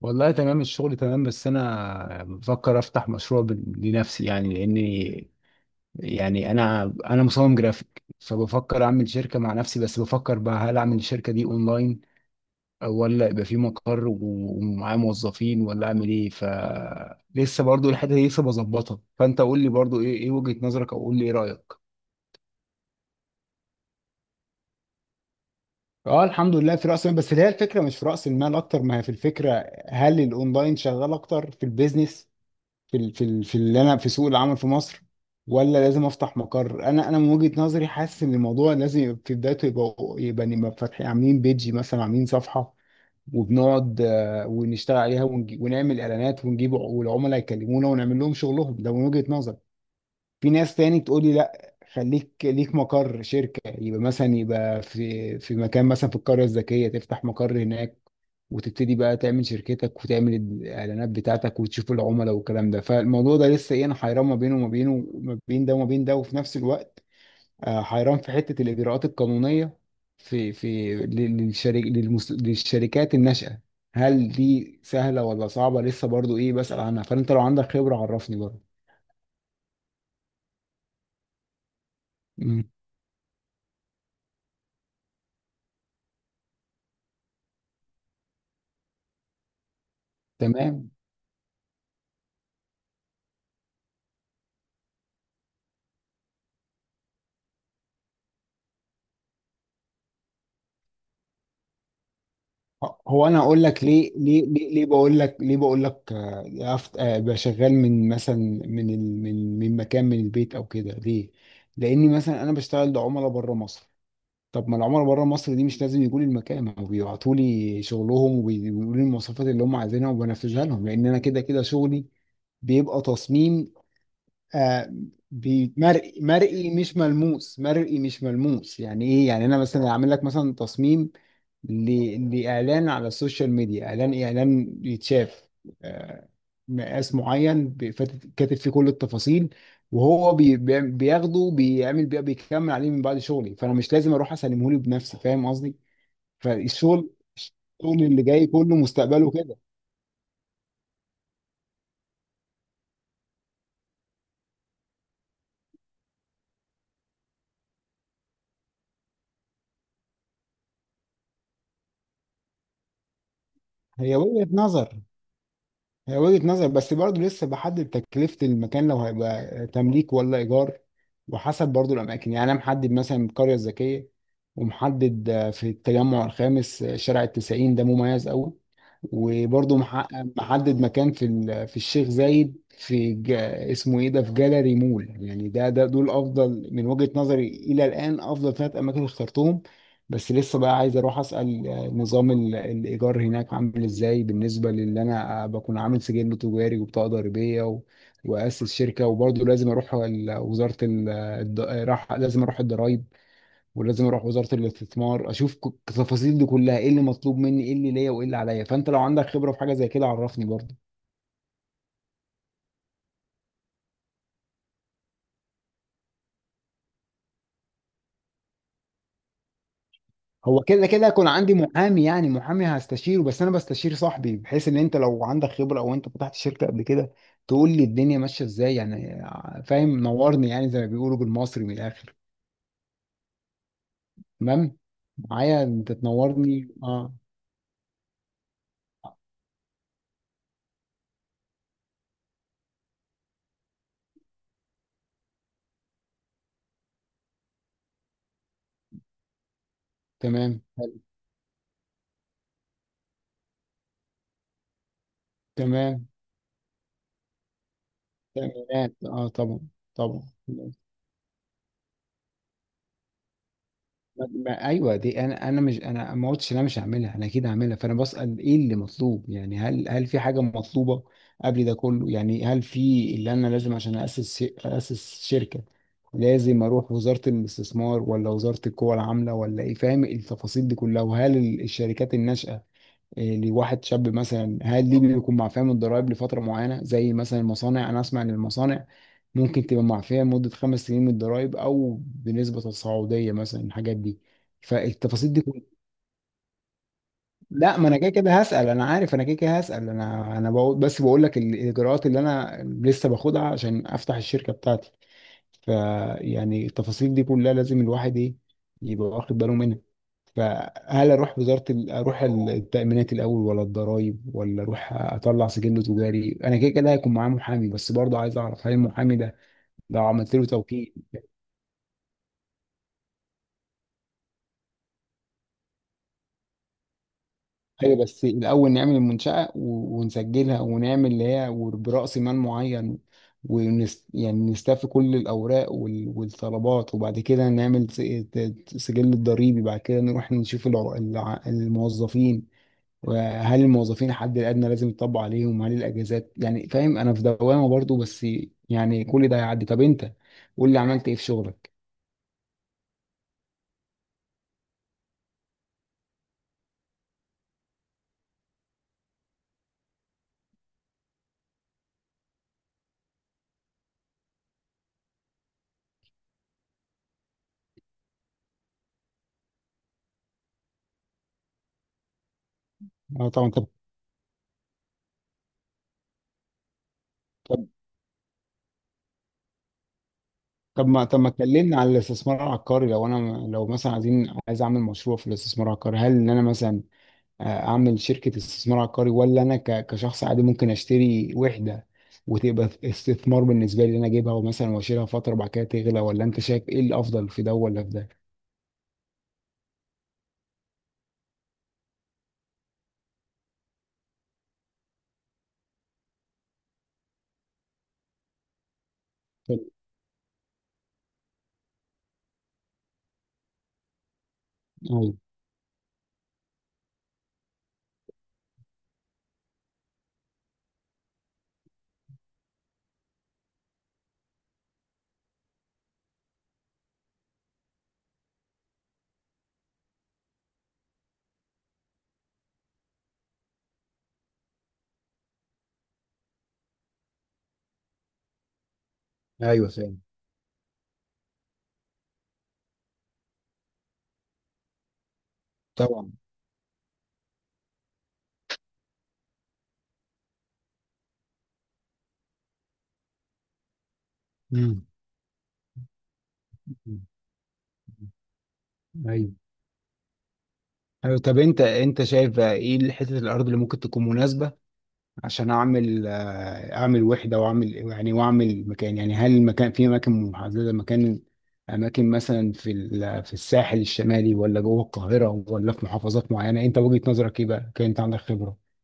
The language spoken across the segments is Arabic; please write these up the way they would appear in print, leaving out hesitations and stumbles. والله تمام، الشغل تمام، بس انا بفكر افتح مشروع لنفسي، يعني لاني يعني انا مصمم جرافيك، فبفكر اعمل شركه مع نفسي. بس بفكر بقى، هل اعمل الشركه دي اونلاين، ولا يبقى في مقر ومعايا موظفين، ولا اعمل ايه؟ لسه برضو الحته دي لسه بظبطها. فانت قول لي برضو، ايه وجهه نظرك، او قول لي ايه رايك؟ اه الحمد لله في راس المال، بس هي الفكره مش في راس المال اكتر ما هي في الفكره. هل الاونلاين شغال اكتر في البيزنس في اللي انا في سوق العمل في مصر، ولا لازم افتح مقر؟ انا من وجهة نظري حاسس ان الموضوع لازم يبقى في بدايته، يبقى نبقى فاتحين عاملين بيجي مثلا عاملين صفحة، وبنقعد ونشتغل عليها، ونعمل اعلانات ونجيب، والعملاء يكلمونا ونعمل لهم شغلهم. ده من وجهة نظري. في ناس تاني تقول لي، لا خليك ليك مقر شركة، يبقى مثلا يبقى في مكان، مثلا في القرية الذكية تفتح مقر هناك، وتبتدي بقى تعمل شركتك وتعمل الإعلانات بتاعتك وتشوف العملاء والكلام ده. فالموضوع ده لسه إيه، أنا حيران ما بينه وما بينه، ما بين ده وما بين ده. وفي نفس الوقت حيران في حتة الإجراءات القانونية في للشركات الناشئة، هل دي سهلة ولا صعبة؟ لسه برضو إيه بسأل عنها، فأنت لو عندك خبرة عرفني برضو. مم. تمام. هو انا اقول لك ليه، بقول لك ليه، بقول لك آه، يا أفت- آه، ابقى شغال من مثلا، من مكان، من البيت او كده، ليه؟ لاني مثلا انا بشتغل لعملاء بره مصر، طب ما العملاء بره مصر دي مش لازم يجوا لي المكان، ما هو بيبعتوا لي شغلهم وبيقولوا لي المواصفات اللي هم عايزينها وبنفذها لهم، لان انا كده كده شغلي بيبقى تصميم. آه. مرئي مش ملموس، مرئي مش ملموس. يعني ايه، يعني انا مثلا اعمل لك مثلا تصميم لاعلان على السوشيال ميديا، اعلان يتشاف. آه. مقاس معين، كاتب فيه كل التفاصيل. وهو بياخده بيعمل بيه بيكمل عليه من بعد شغلي، فانا مش لازم اروح اسلمه له بنفسي، فاهم قصدي؟ فالشغل الشغل اللي جاي كله مستقبله كده. هي وجهة نظر، هي وجهة نظر، بس برضه لسه بحدد تكلفة المكان، لو هيبقى تمليك ولا إيجار. وحسب برضه الأماكن، يعني أنا محدد مثلا القرية الذكية، ومحدد في التجمع الخامس، شارع التسعين، ده مميز أوي. وبرضه محدد مكان في الشيخ زايد، اسمه ايه ده، في جاليري مول. يعني ده ده دول افضل من وجهة نظري، الى الان افضل ثلاث اماكن اخترتهم. بس لسه بقى عايز اروح اسال نظام الايجار هناك عامل ازاي، بالنسبه للي انا بكون عامل سجل تجاري وبطاقه ضريبيه واسس شركه. وبرضه لازم اروح ال- وزاره ال... الض- راح لازم اروح الضرايب، ولازم اروح وزاره الاستثمار، اشوف التفاصيل دي كلها، ايه اللي مطلوب مني، ايه اللي ليا، وايه اللي عليا. فانت لو عندك خبره في حاجه زي كده عرفني برضه. هو كده كده هيكون عندي محامي، يعني محامي هستشيره، بس انا بستشير صاحبي، بحيث ان انت لو عندك خبره او انت فتحت شركه قبل كده تقول لي الدنيا ماشيه ازاي، يعني فاهم؟ نورني يعني، زي ما بيقولوا بالمصري من الاخر. تمام، معايا، انت تنورني. اه، تمام، حلو. تمام، تمام، اه طبعا، طبعا. ايوه دي، انا مش انا ما قلتش إن انا مش هعملها، انا اكيد هعملها. فانا بسأل ايه اللي مطلوب، يعني هل في حاجه مطلوبه قبل ده كله؟ يعني هل في، اللي انا لازم عشان اسس اسس شركه، لازم اروح وزاره الاستثمار، ولا وزاره القوى العامله، ولا ايه، فاهم؟ التفاصيل دي كلها. وهل الشركات الناشئه إيه، لواحد شاب مثلا، هل دي بيكون معفية من الضرائب لفترة معينة، زي مثلا المصانع؟ أنا أسمع إن المصانع ممكن تبقى معفية لمدة 5 سنين من الضرائب، أو بنسبة تصاعدية مثلا. الحاجات دي، فالتفاصيل دي كلها. لا، ما أنا كده كده هسأل، أنا عارف أنا كده كده هسأل، أنا بقول، بس بقول لك الإجراءات اللي أنا لسه باخدها عشان أفتح الشركة بتاعتي. فيعني التفاصيل دي كلها لازم الواحد إيه، يبقى واخد باله منها. فهل اروح وزاره ال- اروح التامينات الاول، ولا الضرايب، ولا اروح اطلع سجل تجاري؟ انا كده كده هيكون معايا محامي، بس برضه عايز اعرف، هل المحامي ده لو عملت له توكيل؟ ايوه، بس الاول نعمل المنشاه ونسجلها ونعمل اللي هي براس مال معين، يعني نستفي كل الاوراق والطلبات، وبعد كده نعمل سجل الضريبي، بعد كده نروح نشوف الموظفين. وهل الموظفين الحد الادنى لازم يطبق عليهم، هل الاجازات؟ يعني فاهم، انا في دوامه برضو، بس يعني كل ده هيعدي. طب انت قول لي عملت ايه في شغلك؟ اه طبعا. طب طب ما اتكلمنا على الاستثمار العقاري، لو مثلا عايز اعمل مشروع في الاستثمار العقاري، هل ان انا مثلا اعمل شركه استثمار عقاري، ولا انا كشخص عادي ممكن اشتري وحده وتبقى استثمار بالنسبه لي، ان انا اجيبها ومثلا واشيلها فتره وبعد كده تغلى؟ ولا انت شايف ايه الافضل، في ده ولا في ده؟ طب- أيوه، ايوه، فاهم طبعا. مم. ايوه، ايوه. طب انت شايف بقى ايه حتة الارض اللي ممكن تكون مناسبة عشان اعمل اعمل وحدة، واعمل يعني، واعمل مكان؟ يعني هل المكان في اماكن محددة، مكان، اماكن مثلا في الساحل الشمالي، ولا جوه القاهرة، ولا في محافظات معينة؟ انت وجهة نظرك ايه بقى، كان انت عندك خبرة.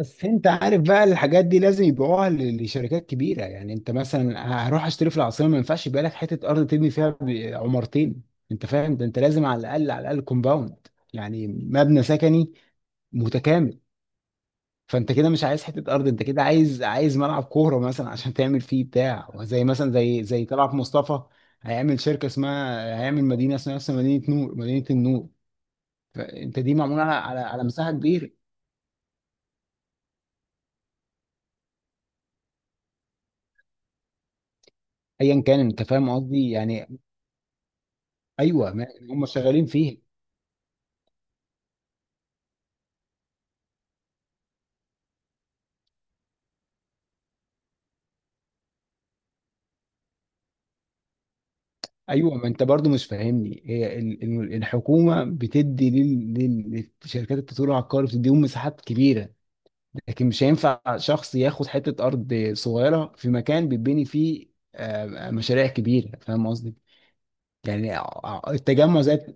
بس انت عارف بقى الحاجات دي لازم يبيعوها لشركات كبيره، يعني انت مثلا هروح اشتري في العاصمه، ما ينفعش يبقى لك حته ارض تبني فيها عمارتين، انت فاهم ده؟ انت لازم على الاقل، على الاقل كومباوند، يعني مبنى سكني متكامل. فانت كده مش عايز حته ارض، انت كده عايز، عايز ملعب كوره مثلا عشان تعمل فيه بتاع، وزي مثلا، زي طلعت مصطفى هيعمل شركه اسمها، هيعمل مدينه اسمها نفس مدينه نور، مدينه النور. فانت دي معموله على مساحه كبيره. ايا كان، انت فاهم قصدي يعني. ايوه، ما يعني هم شغالين فيها. ايوه، ما انت برضو مش فاهمني، هي الحكومه بتدي لشركات التطوير العقاري، بتديهم مساحات كبيره، لكن مش هينفع شخص ياخد حته ارض صغيره في مكان بيتبني فيه مشاريع كبيره، فاهم قصدي؟ يعني التجمع زي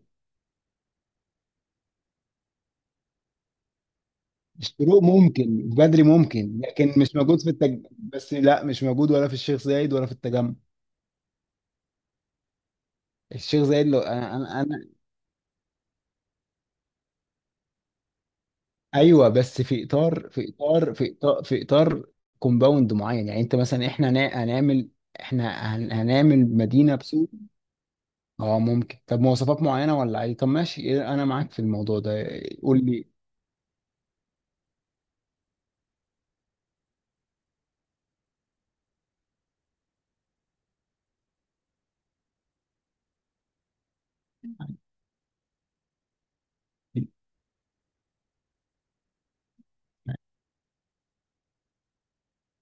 الشروق ممكن، بدري ممكن، لكن مش موجود في بس لا، مش موجود، ولا في الشيخ زايد، ولا في التجمع. الشيخ زايد، لو انا، انا ايوه، بس في اطار، كومباوند معين، يعني انت مثلا احنا هنا- هنعمل احنا هن- هنعمل، مدينه بسوق. اه ممكن، طب مواصفات معينه ولا عادي، طب ماشي إيه، انا معاك في الموضوع ده. إيه، قول لي.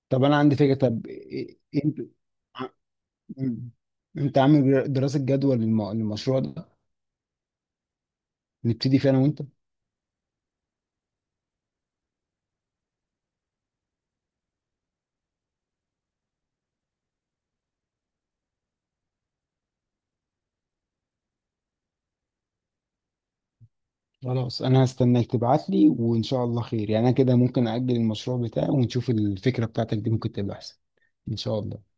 طب انا عندي فكره، طب إيه- إيه، انت ع- مم. انت عامل دراسه جدوى للمشروع ده؟ نبتدي فيه انا وانت. خلاص انا هستناك تبعت لي، وان شاء الله خير. يعني انا كده ممكن اجل المشروع بتاعي، ونشوف الفكره بتاعتك دي ممكن تبقى احسن. ان شاء الله.